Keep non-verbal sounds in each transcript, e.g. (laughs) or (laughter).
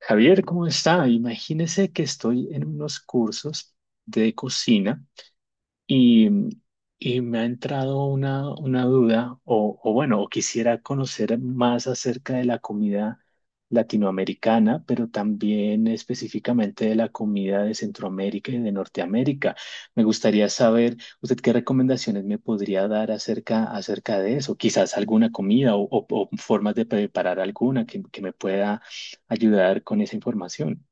Javier, ¿cómo está? Imagínese que estoy en unos cursos de cocina y, y me ha entrado una duda, o quisiera conocer más acerca de la comida latinoamericana, pero también específicamente de la comida de Centroamérica y de Norteamérica. Me gustaría saber, usted qué recomendaciones me podría dar acerca de eso, quizás alguna comida o formas de preparar alguna que me pueda ayudar con esa información.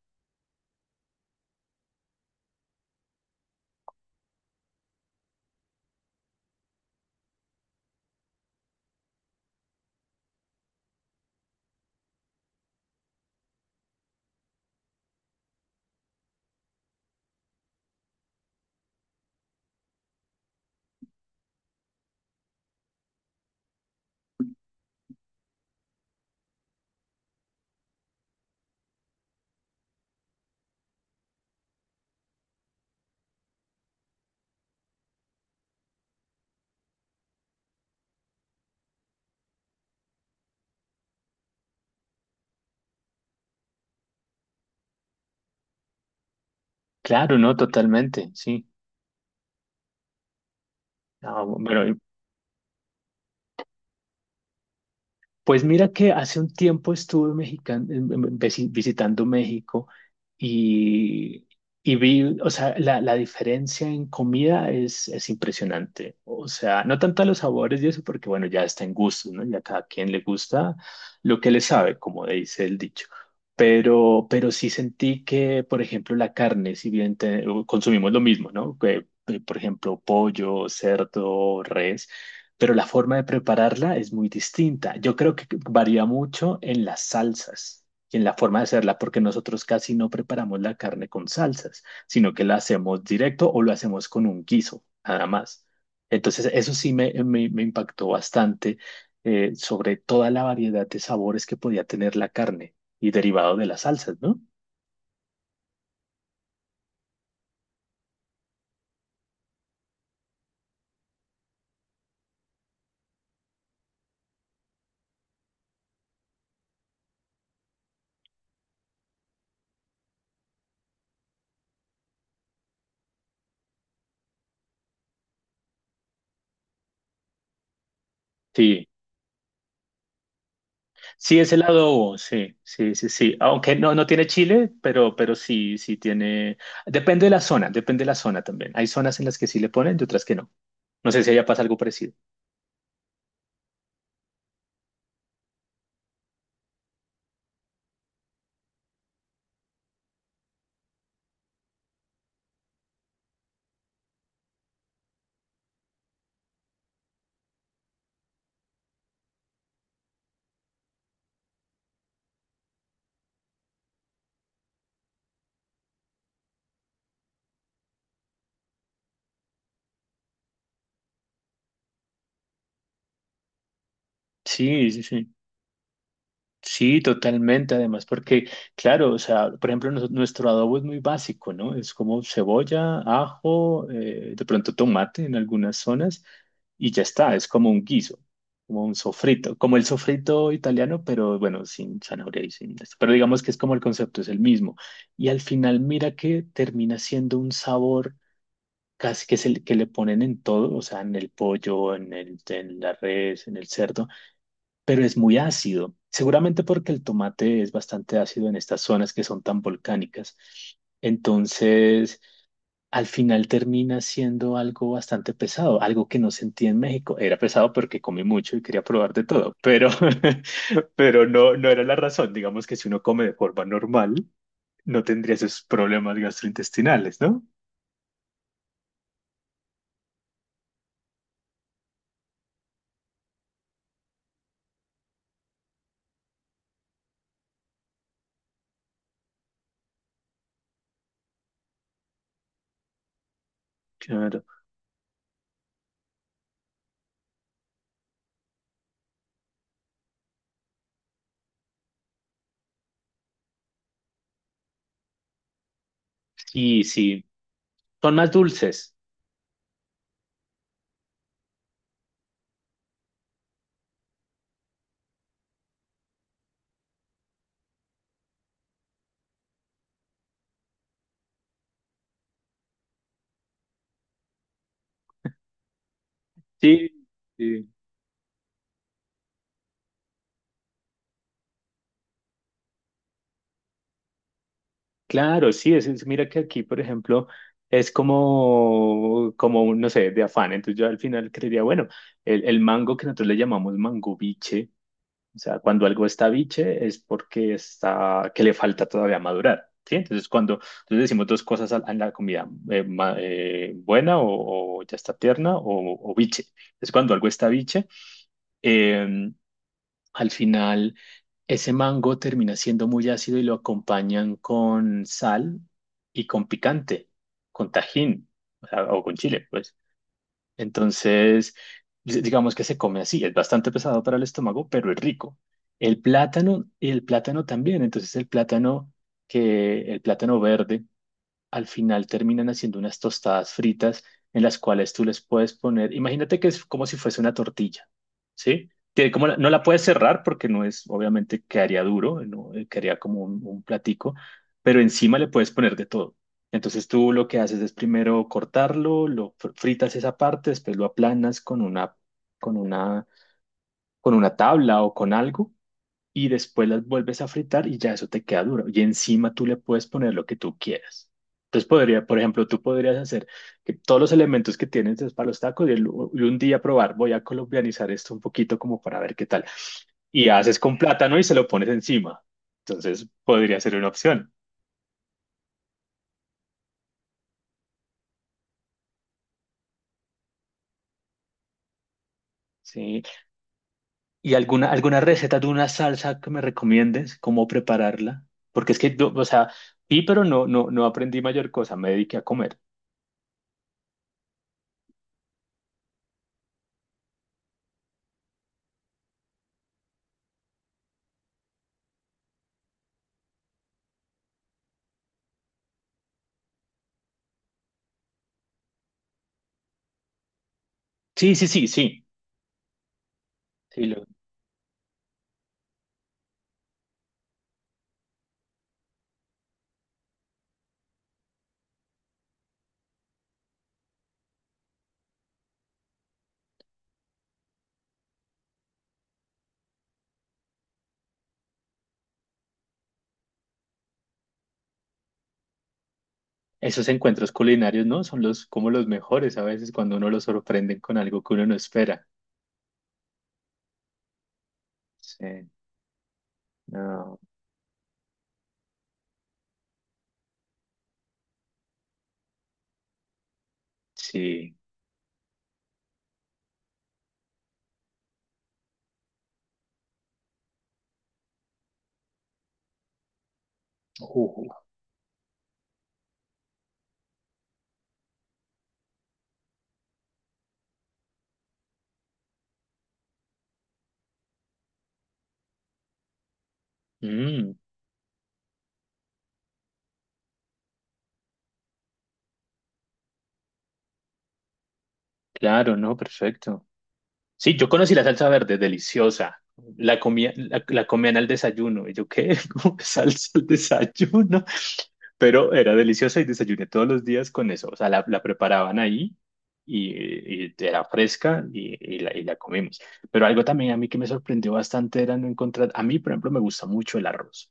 Claro, no, totalmente, sí. Ah, bueno, pues mira que hace un tiempo estuve visitando México y, y vi, o sea, la diferencia en comida es impresionante. O sea, no tanto a los sabores y eso, porque bueno, ya está en gustos, ¿no? Ya cada quien le gusta lo que le sabe, como dice el dicho. Pero sí sentí que, por ejemplo, la carne, si bien consumimos lo mismo, ¿no? Que, por ejemplo, pollo, cerdo, res, pero la forma de prepararla es muy distinta. Yo creo que varía mucho en las salsas y en la forma de hacerla, porque nosotros casi no preparamos la carne con salsas, sino que la hacemos directo o lo hacemos con un guiso, nada más. Entonces, eso sí me impactó bastante, sobre toda la variedad de sabores que podía tener la carne y derivado de las salsas, ¿no? Sí. Sí, es el adobo, sí, sí, sí, sí. Aunque no tiene chile, pero sí, sí tiene. Depende de la zona, depende de la zona también. Hay zonas en las que sí le ponen y otras que no. No sé si allá pasa algo parecido. Sí, sí, sí. Sí, totalmente. Además, porque, claro, o sea, por ejemplo, nuestro adobo es muy básico, ¿no? Es como cebolla, ajo, de pronto tomate en algunas zonas y ya está. Es como un guiso, como un sofrito, como el sofrito italiano, pero bueno, sin zanahoria y sin esto. Pero digamos que es como el concepto es el mismo. Y al final, mira que termina siendo un sabor casi que es el que le ponen en todo, o sea, en el pollo, en en la res, en el cerdo, pero es muy ácido. Seguramente porque el tomate es bastante ácido en estas zonas que son tan volcánicas. Entonces, al final termina siendo algo bastante pesado, algo que no sentí en México. Era pesado porque comí mucho y quería probar de todo, pero, (laughs) pero no era la razón. Digamos que si uno come de forma normal, no tendría esos problemas gastrointestinales, ¿no? Claro. Sí, sí. Son más dulces. Sí, sí. Claro, sí, mira que aquí, por ejemplo, es como, como un, no sé, de afán. Entonces yo al final creería, bueno, el mango que nosotros le llamamos mango biche, o sea, cuando algo está biche es porque está, que le falta todavía madurar, ¿sí? Entonces cuando entonces decimos dos cosas a la comida, buena o ya está tierna o biche. Es cuando algo está biche. em, al final, ese mango termina siendo muy ácido y lo acompañan con sal y con picante, con tajín, o sea, o con chile, pues. Entonces, digamos que se come así, es bastante pesado para el estómago, pero es rico. El plátano, y el plátano también, entonces el plátano el plátano verde al final terminan haciendo unas tostadas fritas en las cuales tú les puedes poner, imagínate que es como si fuese una tortilla, ¿sí? Tiene como no la puedes cerrar porque no es, obviamente quedaría duro, no, quedaría como un platico, pero encima le puedes poner de todo. Entonces tú lo que haces es primero cortarlo, lo fritas esa parte, después lo aplanas con una, con una, con una tabla o con algo y después las vuelves a fritar y ya eso te queda duro. Y encima tú le puedes poner lo que tú quieras. Entonces podría, por ejemplo, tú podrías hacer que todos los elementos que tienes es para los tacos y un día probar, voy a colombianizar esto un poquito como para ver qué tal. Y haces con plátano y se lo pones encima. Entonces podría ser una opción. Sí. ¿Y alguna receta de una salsa que me recomiendes? ¿Cómo prepararla? Porque es que, yo, o sea, vi, pero no aprendí mayor cosa, me dediqué a comer. Sí, sí, sí, sí. Sí, esos encuentros culinarios, ¿no? Son los como los mejores a veces cuando uno lo sorprenden con algo que uno no espera. Sí, no, sí. Uh, mm, claro, no, perfecto. Sí, yo conocí la salsa verde, deliciosa. La comía, la comían al desayuno. Y yo, ¿qué? (laughs) ¿Cómo que salsa al desayuno? Pero era deliciosa y desayuné todos los días con eso. O sea, la preparaban ahí y era fresca y la comimos. Pero algo también a mí que me sorprendió bastante era no encontrar. A mí, por ejemplo, me gusta mucho el arroz.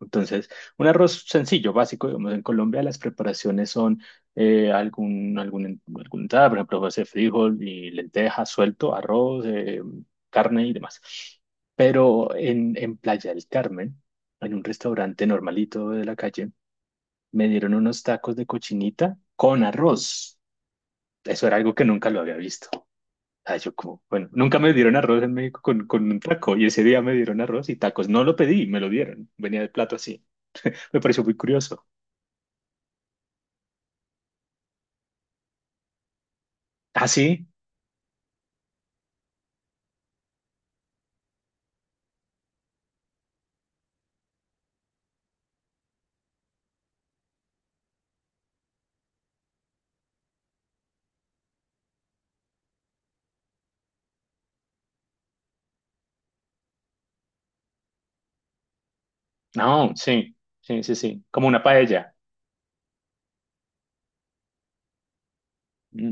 Entonces, un arroz sencillo, básico, digamos, en Colombia las preparaciones son algún entrada, por ejemplo, puede ser frijol y lenteja, suelto, arroz, carne y demás. Pero en Playa del Carmen, en un restaurante normalito de la calle, me dieron unos tacos de cochinita con arroz. Eso era algo que nunca lo había visto. Ah, yo como, bueno, nunca me dieron arroz en México con un taco y ese día me dieron arroz y tacos. No lo pedí, me lo dieron. Venía el plato así. Me pareció muy curioso. Ah, sí, no, sí, sí, sí, sí, como una paella. Mm.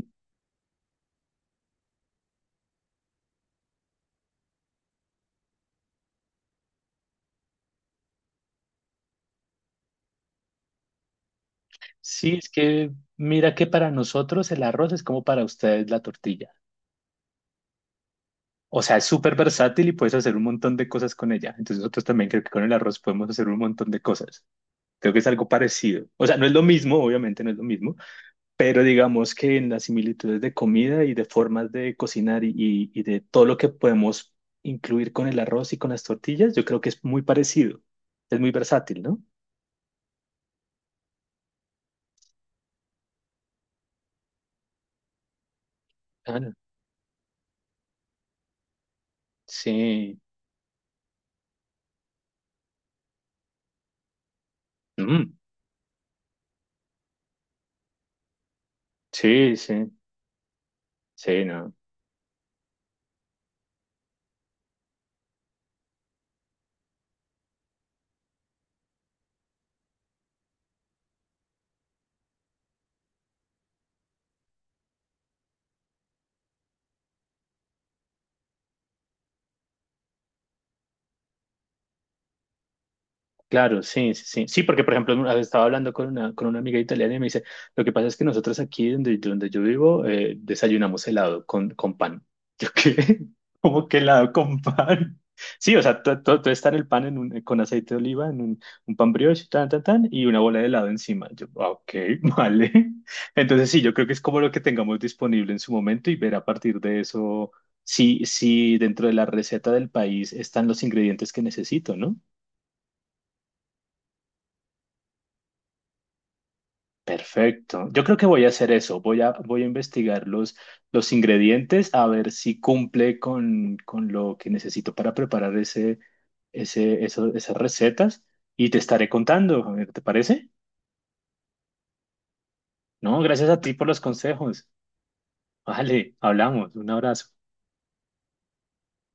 Sí, es que mira que para nosotros el arroz es como para ustedes la tortilla. O sea, es súper versátil y puedes hacer un montón de cosas con ella. Entonces nosotros también creo que con el arroz podemos hacer un montón de cosas. Creo que es algo parecido. O sea, no es lo mismo, obviamente no es lo mismo, pero digamos que en las similitudes de comida y de formas de cocinar y de todo lo que podemos incluir con el arroz y con las tortillas, yo creo que es muy parecido. Es muy versátil, ¿no? Ah, sí, mm, sí, sí, sí, no. Claro, sí, sí, sí. Sí, porque por ejemplo, estaba hablando con una amiga italiana y me dice, lo que pasa es que nosotros aquí donde yo vivo, desayunamos helado con pan. ¿Yo qué? (laughs) ¿Cómo que helado con pan? Sí, o sea, todo, todo, todo está en el pan en con aceite de oliva, en un pan brioche, tan, tan, tan, y una bola de helado encima. Yo, "Ah, ok, (laughs) vale". Entonces sí, yo creo que es como lo que tengamos disponible en su momento y ver a partir de eso si, si dentro de la receta del país están los ingredientes que necesito, ¿no? Perfecto. Yo creo que voy a hacer eso. Voy a, voy a investigar los ingredientes a ver si cumple con lo que necesito para preparar ese, esas recetas y te estaré contando. A ver, ¿te parece? No, gracias a ti por los consejos. Vale, hablamos. Un abrazo.